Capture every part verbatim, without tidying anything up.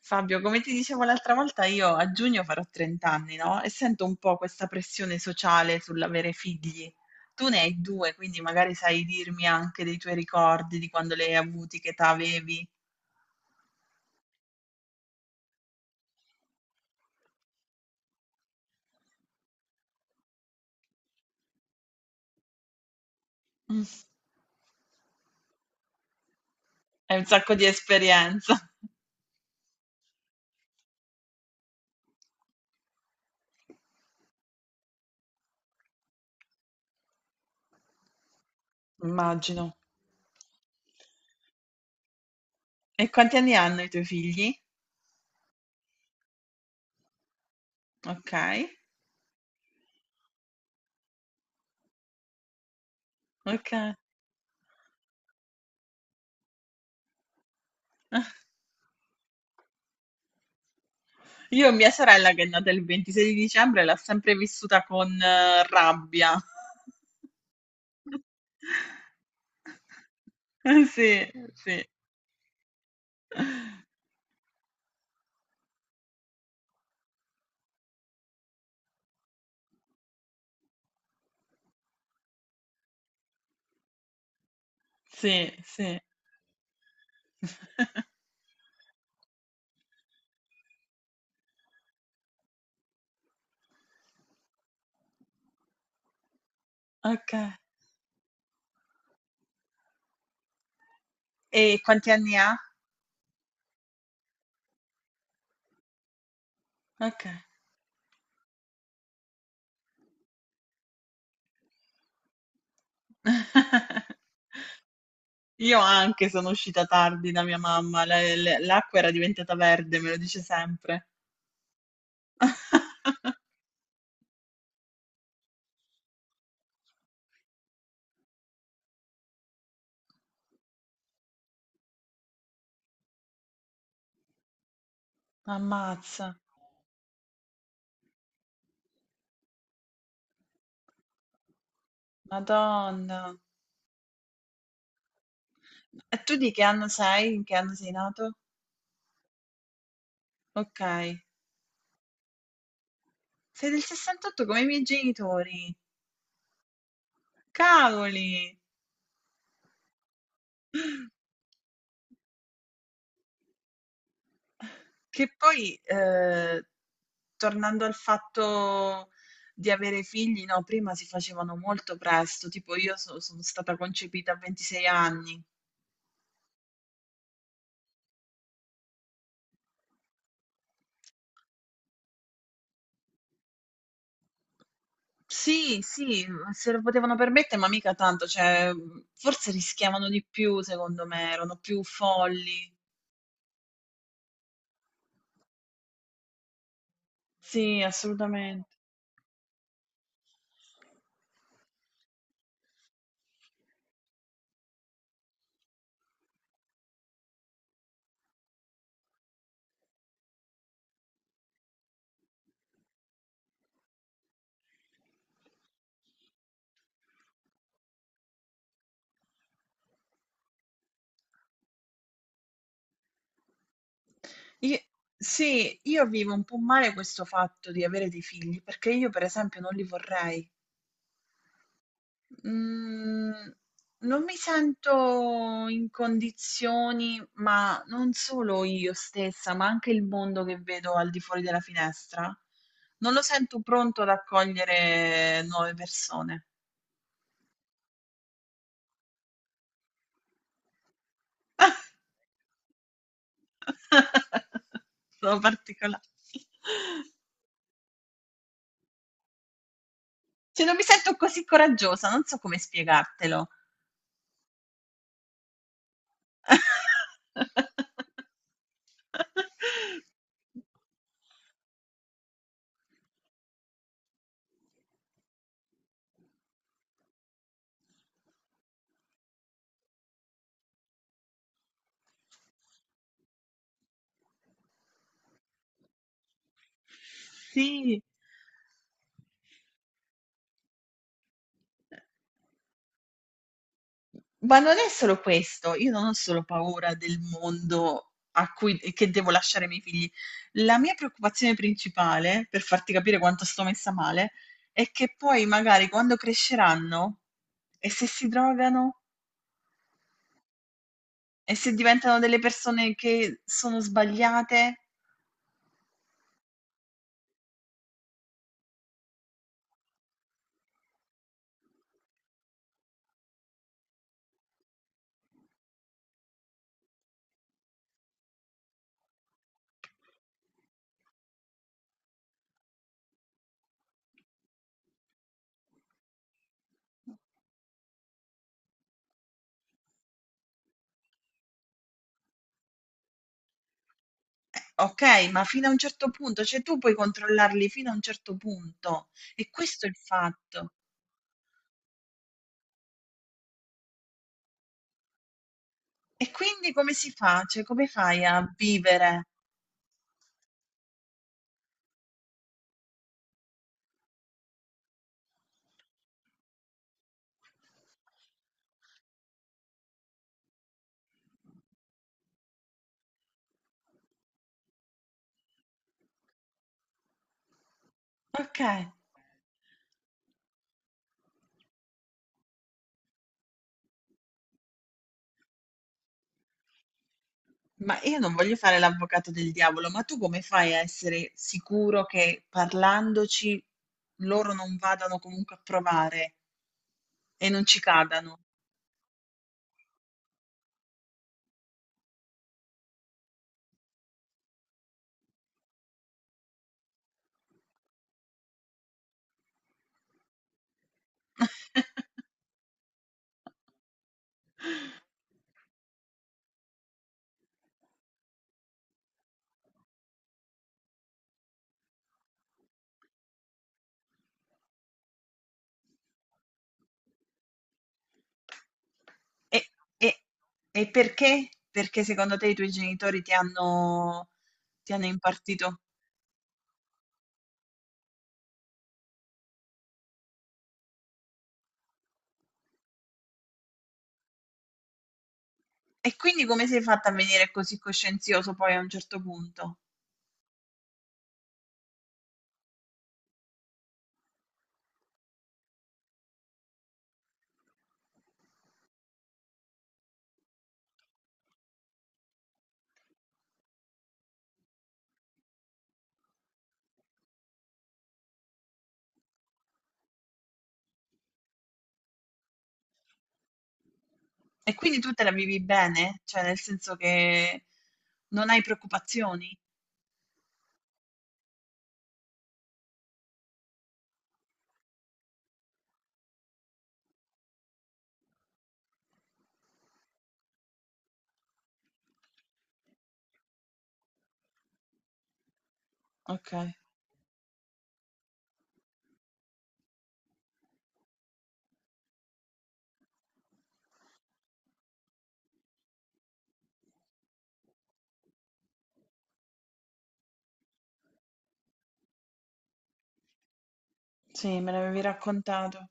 Fabio, come ti dicevo l'altra volta, io a giugno farò trenta anni, no? E sento un po' questa pressione sociale sull'avere figli. Tu ne hai due, quindi magari sai dirmi anche dei tuoi ricordi di quando li hai avuti, che età avevi. Mm. Hai un sacco di esperienza. Immagino. E quanti anni hanno i tuoi figli? Ok, ok. Io mia sorella che è nata il ventisei di dicembre l'ha sempre vissuta con eh, rabbia. Eh, sì, sì, sì, sì. Ok. E quanti anni ha? Ok. Io anche sono uscita tardi da mia mamma, la- la- l'acqua era diventata verde, me lo dice sempre. Ammazza. Madonna. E tu di che anno sei? In che anno sei nato? Ok. Sei del sessantotto come i miei genitori. Cavoli! Che poi, ehm, tornando al fatto di avere figli, no, prima si facevano molto presto, tipo io so sono stata concepita a ventisei anni. Sì, sì, mhmm, se lo potevano permettere, ma mica tanto, cioè, mhmm, forse rischiavano di più secondo me, erano più folli. Sì, assolutamente. I sì, io vivo un po' male questo fatto di avere dei figli, perché io per esempio non li vorrei. Mhmm, non mi sento in condizioni, ma non solo io stessa, ma anche il mondo che vedo al di fuori della finestra, non lo sento pronto ad accogliere nuove persone. Sono particola Cioè non mi sento così coraggiosa, non so come spiegartelo. Sì. Ma non è solo questo, io non ho solo paura del mondo a cui che devo lasciare i miei figli. La mia preoccupazione principale, per farti capire quanto sto messa male, è che poi magari quando cresceranno e se si drogano e se diventano delle persone che sono sbagliate, ok, ma fino a un certo punto, cioè tu puoi controllarli fino a un certo punto e questo è il fatto. E quindi come si fa? Cioè come fai a vivere? Ok. Ma io non voglio fare l'avvocato del diavolo, ma tu come fai a essere sicuro che parlandoci loro non vadano comunque a provare e non ci cadano? E, e- e perché? Perché secondo te i tuoi genitori ti hanno, ti hanno impartito? E quindi come sei fatta a venire così coscienzioso poi a un certo punto? E quindi tu te la vivi bene? Cioè nel senso che non hai preoccupazioni? Ok. Sì, me l'avevi raccontato.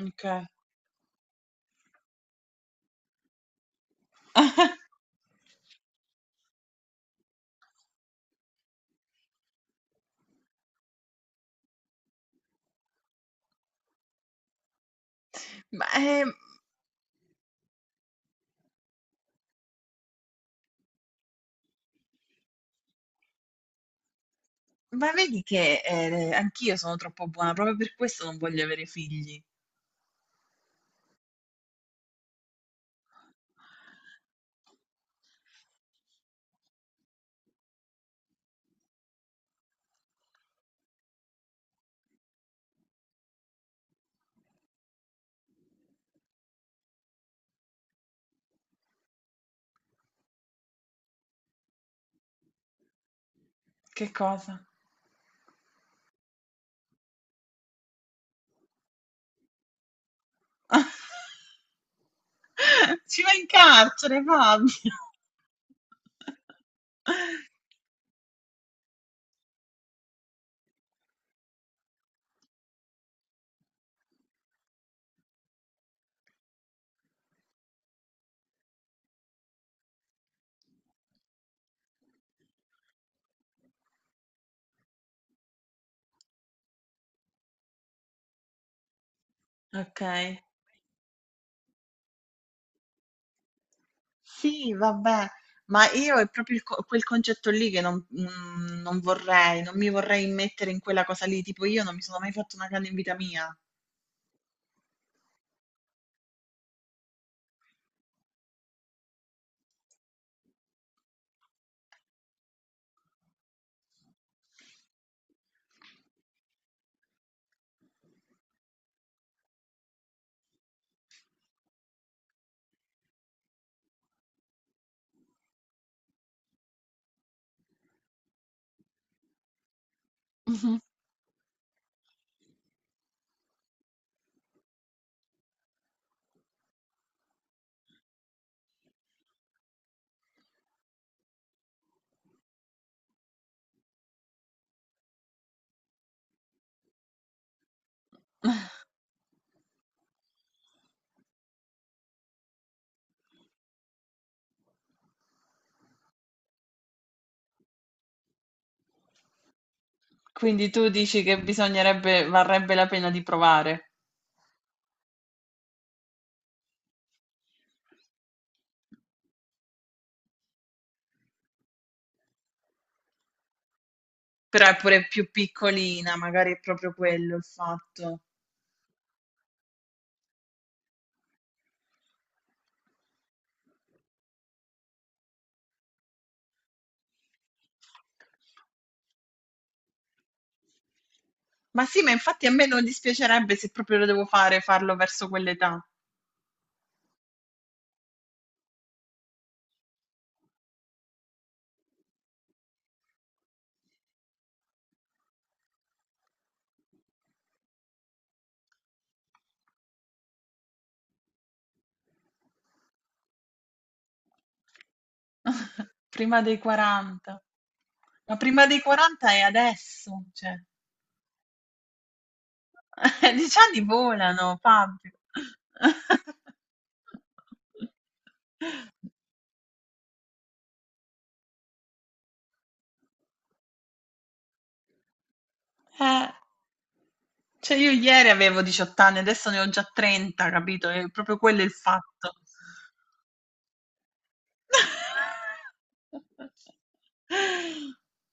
Okay. Ma, ehm, ma vedi che, ehm, anch'io sono troppo buona, proprio per questo non voglio avere figli. Che cosa? Ci vai in carcere, Fabio! Okay. Sì, vabbè, ma io è proprio il co- quel concetto lì che non, mm, non vorrei, non mi vorrei immettere in quella cosa lì, tipo io non mi sono mai fatto una canna in vita mia. Mhm. Quindi tu dici che bisognerebbe, varrebbe la pena di provare. Però è pure più piccolina, magari è proprio quello il fatto. Ma sì, ma infatti a me non dispiacerebbe se proprio lo devo fare, farlo verso quell'età. Prima dei quaranta. Ma prima dei quaranta è adesso, cioè. Eh, gli anni volano, Fabio. Eh, cioè io ieri avevo diciotto anni, adesso ne ho già trenta, capito? È proprio quello il fatto.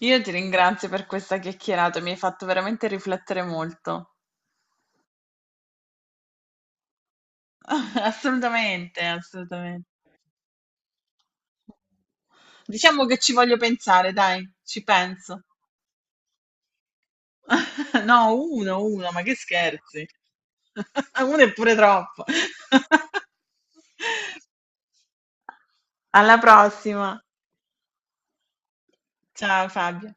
Io ti ringrazio per questa chiacchierata, mi hai fatto veramente riflettere molto. Assolutamente, assolutamente. Diciamo che ci voglio pensare, dai, ci penso. No, uno, uno, ma che scherzi. Uno è pure troppo. Alla prossima. Ciao Fabio.